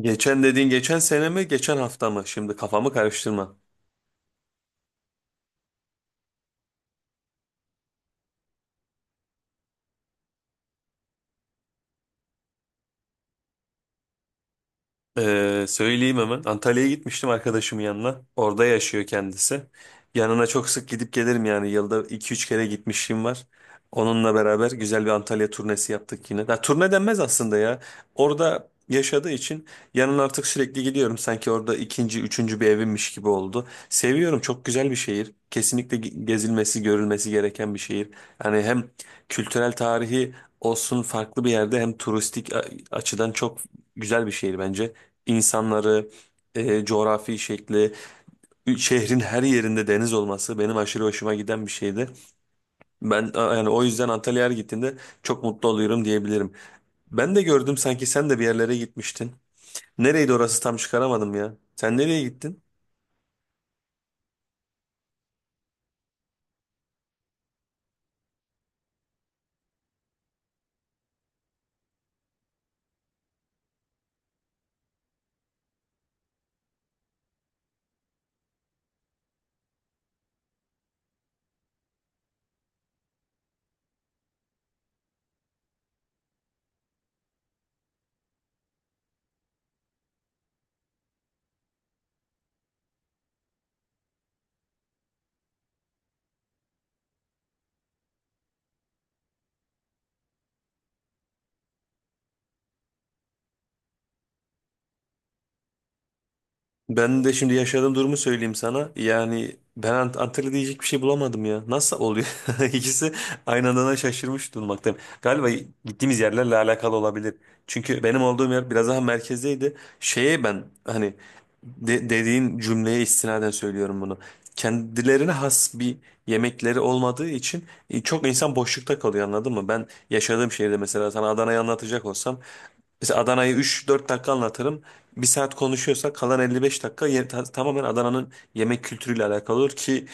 Geçen dediğin geçen sene mi geçen hafta mı? Şimdi kafamı karıştırma. Söyleyeyim hemen. Antalya'ya gitmiştim arkadaşımın yanına. Orada yaşıyor kendisi. Yanına çok sık gidip gelirim yani. Yılda 2-3 kere gitmişliğim var. Onunla beraber güzel bir Antalya turnesi yaptık yine. Ya, turne denmez aslında ya. Orada yaşadığı için yanına artık sürekli gidiyorum. Sanki orada ikinci, üçüncü bir evimmiş gibi oldu. Seviyorum. Çok güzel bir şehir. Kesinlikle gezilmesi, görülmesi gereken bir şehir. Yani hem kültürel tarihi olsun farklı bir yerde hem turistik açıdan çok güzel bir şehir bence insanları, coğrafi şekli, şehrin her yerinde deniz olması benim aşırı hoşuma giden bir şeydi. Yani o yüzden Antalya'ya her gittiğimde çok mutlu oluyorum diyebilirim. Ben de gördüm sanki sen de bir yerlere gitmiştin. Nereydi orası tam çıkaramadım ya. Sen nereye gittin? Ben de şimdi yaşadığım durumu söyleyeyim sana. Yani ben Antalya diyecek bir şey bulamadım ya. Nasıl oluyor? İkisi aynı anda şaşırmış durmaktayım. Galiba gittiğimiz yerlerle alakalı olabilir. Çünkü benim olduğum yer biraz daha merkezdeydi. Şeye ben hani dediğin cümleye istinaden söylüyorum bunu. Kendilerine has bir yemekleri olmadığı için çok insan boşlukta kalıyor anladın mı? Ben yaşadığım şehirde mesela sana Adana'yı anlatacak olsam mesela Adana'yı 3-4 dakika anlatırım. Bir saat konuşuyorsa kalan 55 dakika tamamen Adana'nın yemek kültürüyle alakalı olur ki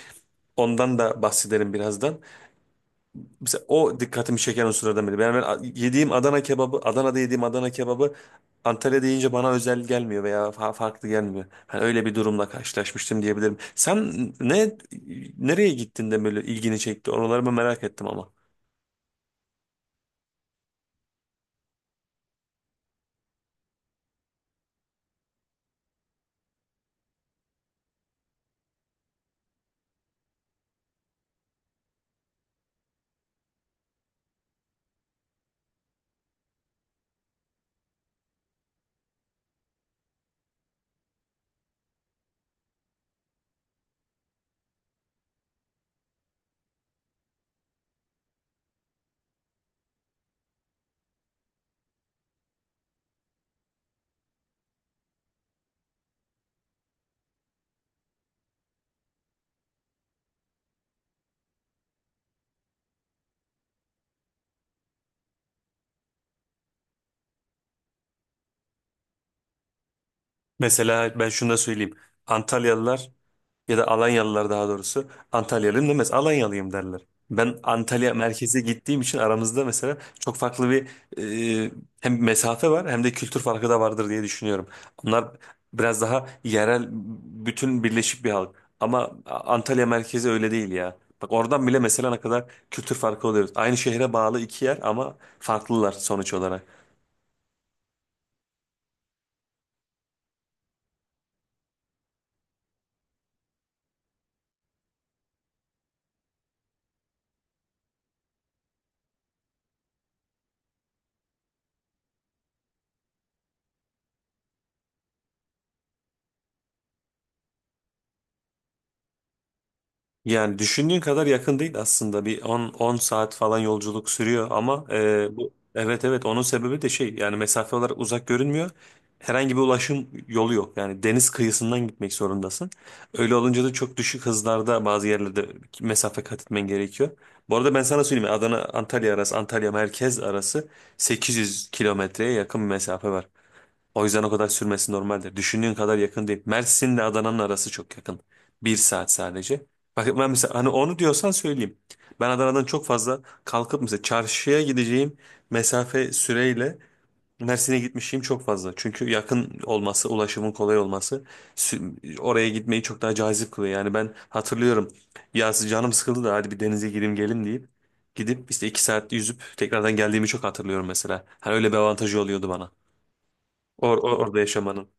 ondan da bahsederim birazdan. Mesela o dikkatimi çeken unsurlardan biri. Ben yediğim Adana kebabı, Adana'da yediğim Adana kebabı Antalya'da yiyince bana özel gelmiyor veya farklı gelmiyor. Hani öyle bir durumla karşılaşmıştım diyebilirim. Sen ne nereye gittin de böyle ilgini çekti? Oraları mı merak ettim ama. Mesela ben şunu da söyleyeyim. Antalyalılar ya da Alanyalılar daha doğrusu. Antalyalıyım demez. Alanyalıyım derler. Ben Antalya merkeze gittiğim için aramızda mesela çok farklı bir e, hem mesafe var hem de kültür farkı da vardır diye düşünüyorum. Onlar biraz daha yerel bütün birleşik bir halk. Ama Antalya merkezi öyle değil ya. Bak oradan bile mesela ne kadar kültür farkı oluyoruz. Aynı şehre bağlı iki yer ama farklılar sonuç olarak. Yani düşündüğün kadar yakın değil aslında. Bir on saat falan yolculuk sürüyor ama bu evet evet onun sebebi de şey yani mesafe olarak uzak görünmüyor. Herhangi bir ulaşım yolu yok. Yani deniz kıyısından gitmek zorundasın. Öyle olunca da çok düşük hızlarda bazı yerlerde mesafe kat etmen gerekiyor. Bu arada ben sana söyleyeyim Adana Antalya arası Antalya merkez arası 800 kilometreye yakın bir mesafe var. O yüzden o kadar sürmesi normaldir. Düşündüğün kadar yakın değil. Mersin'le Adana'nın arası çok yakın. Bir saat sadece. Bak ben mesela hani onu diyorsan söyleyeyim. Ben Adana'dan çok fazla kalkıp mesela çarşıya gideceğim mesafe süreyle Mersin'e gitmişim çok fazla. Çünkü yakın olması, ulaşımın kolay olması oraya gitmeyi çok daha cazip kılıyor. Yani ben hatırlıyorum. Ya canım sıkıldı da hadi bir denize gireyim gelin deyip gidip işte 2 saat yüzüp tekrardan geldiğimi çok hatırlıyorum mesela. Hani öyle bir avantajı oluyordu bana. Orada yaşamanın.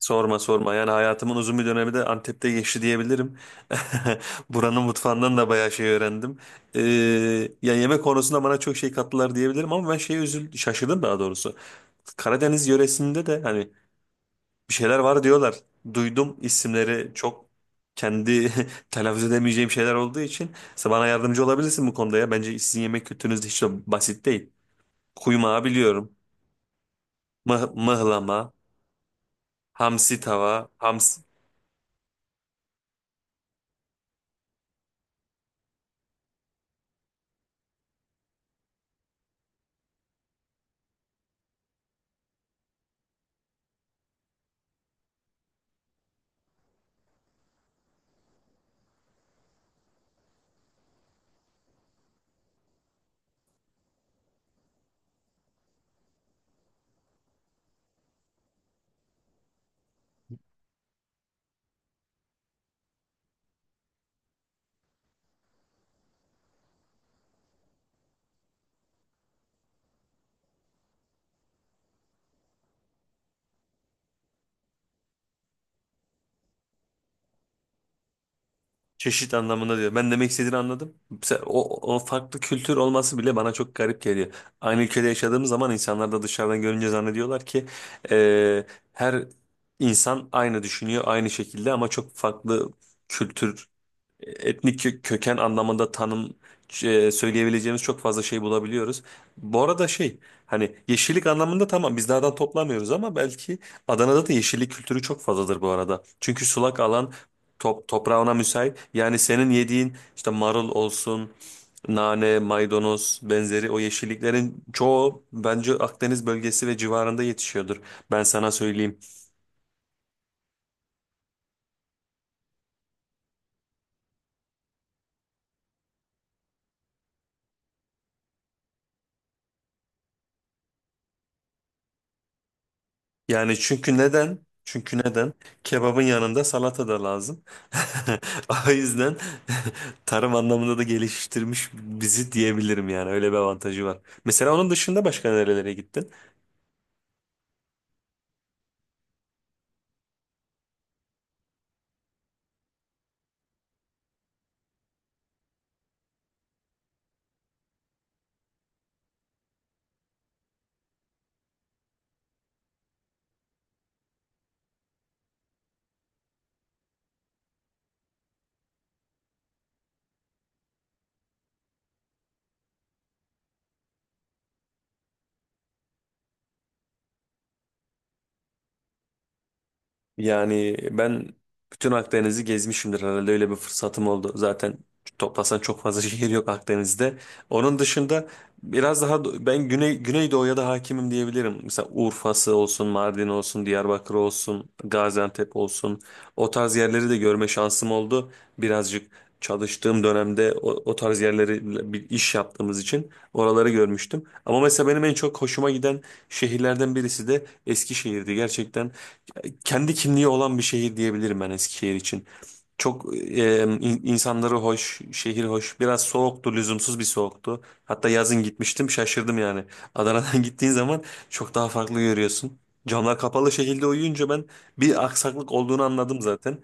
Sorma sorma yani hayatımın uzun bir dönemi de Antep'te geçti diyebilirim. Buranın mutfağından da bayağı şey öğrendim. Ee, Ya yemek konusunda bana çok şey kattılar diyebilirim ama ben şeye üzüldüm, şaşırdım daha doğrusu. Karadeniz yöresinde de hani bir şeyler var diyorlar. Duydum isimleri çok kendi telaffuz edemeyeceğim şeyler olduğu için. Sen bana yardımcı olabilirsin bu konuda ya. Bence sizin yemek kültürünüz de hiç de basit değil. Kuymağı biliyorum. Mıhlama, hamsi tava. Çeşit anlamında diyor. Ben demek istediğini anladım. Mesela O farklı kültür olması bile bana çok garip geliyor. Aynı ülkede yaşadığımız zaman insanlar da dışarıdan görünce zannediyorlar ki e, her insan aynı düşünüyor, aynı şekilde ama çok farklı kültür etnik köken anlamında tanım söyleyebileceğimiz çok fazla şey bulabiliyoruz. Bu arada şey hani yeşillik anlamında tamam biz dağdan toplamıyoruz ama belki Adana'da da yeşillik kültürü çok fazladır bu arada. Çünkü sulak alan toprağı ona müsait. Yani senin yediğin işte marul olsun, nane, maydanoz benzeri o yeşilliklerin çoğu bence Akdeniz bölgesi ve civarında yetişiyordur. Ben sana söyleyeyim. Yani çünkü neden? Çünkü neden? Kebabın yanında salata da lazım. O yüzden tarım anlamında da geliştirmiş bizi diyebilirim yani. Öyle bir avantajı var. Mesela onun dışında başka nerelere gittin? Yani ben bütün Akdeniz'i gezmişimdir herhalde öyle bir fırsatım oldu. Zaten toplasan çok fazla şehir yok Akdeniz'de. Onun dışında biraz daha ben Güney Güneydoğu'ya da hakimim diyebilirim. Mesela Urfa'sı olsun, Mardin olsun, Diyarbakır olsun, Gaziantep olsun. O tarz yerleri de görme şansım oldu. Birazcık çalıştığım dönemde o tarz yerleri bir iş yaptığımız için oraları görmüştüm. Ama mesela benim en çok hoşuma giden şehirlerden birisi de Eskişehir'di. Gerçekten kendi kimliği olan bir şehir diyebilirim ben Eskişehir için. Çok insanları hoş, şehir hoş. Biraz soğuktu, lüzumsuz bir soğuktu. Hatta yazın gitmiştim, şaşırdım yani. Adana'dan gittiğin zaman çok daha farklı görüyorsun. Camlar kapalı şekilde uyuyunca ben bir aksaklık olduğunu anladım zaten.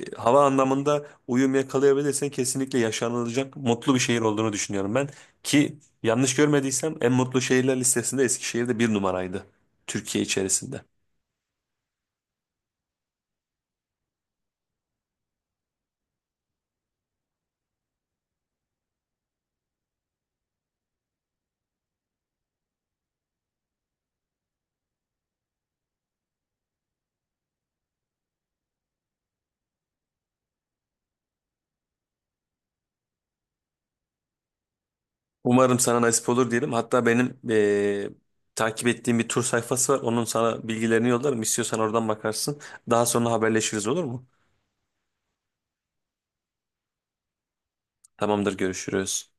Hava anlamında uyum yakalayabilirsen kesinlikle yaşanılacak mutlu bir şehir olduğunu düşünüyorum ben. Ki yanlış görmediysem en mutlu şehirler listesinde Eskişehir'de bir numaraydı. Türkiye içerisinde. Umarım sana nasip olur diyelim. Hatta benim takip ettiğim bir tur sayfası var. Onun sana bilgilerini yollarım. İstiyorsan oradan bakarsın. Daha sonra haberleşiriz olur mu? Tamamdır, görüşürüz.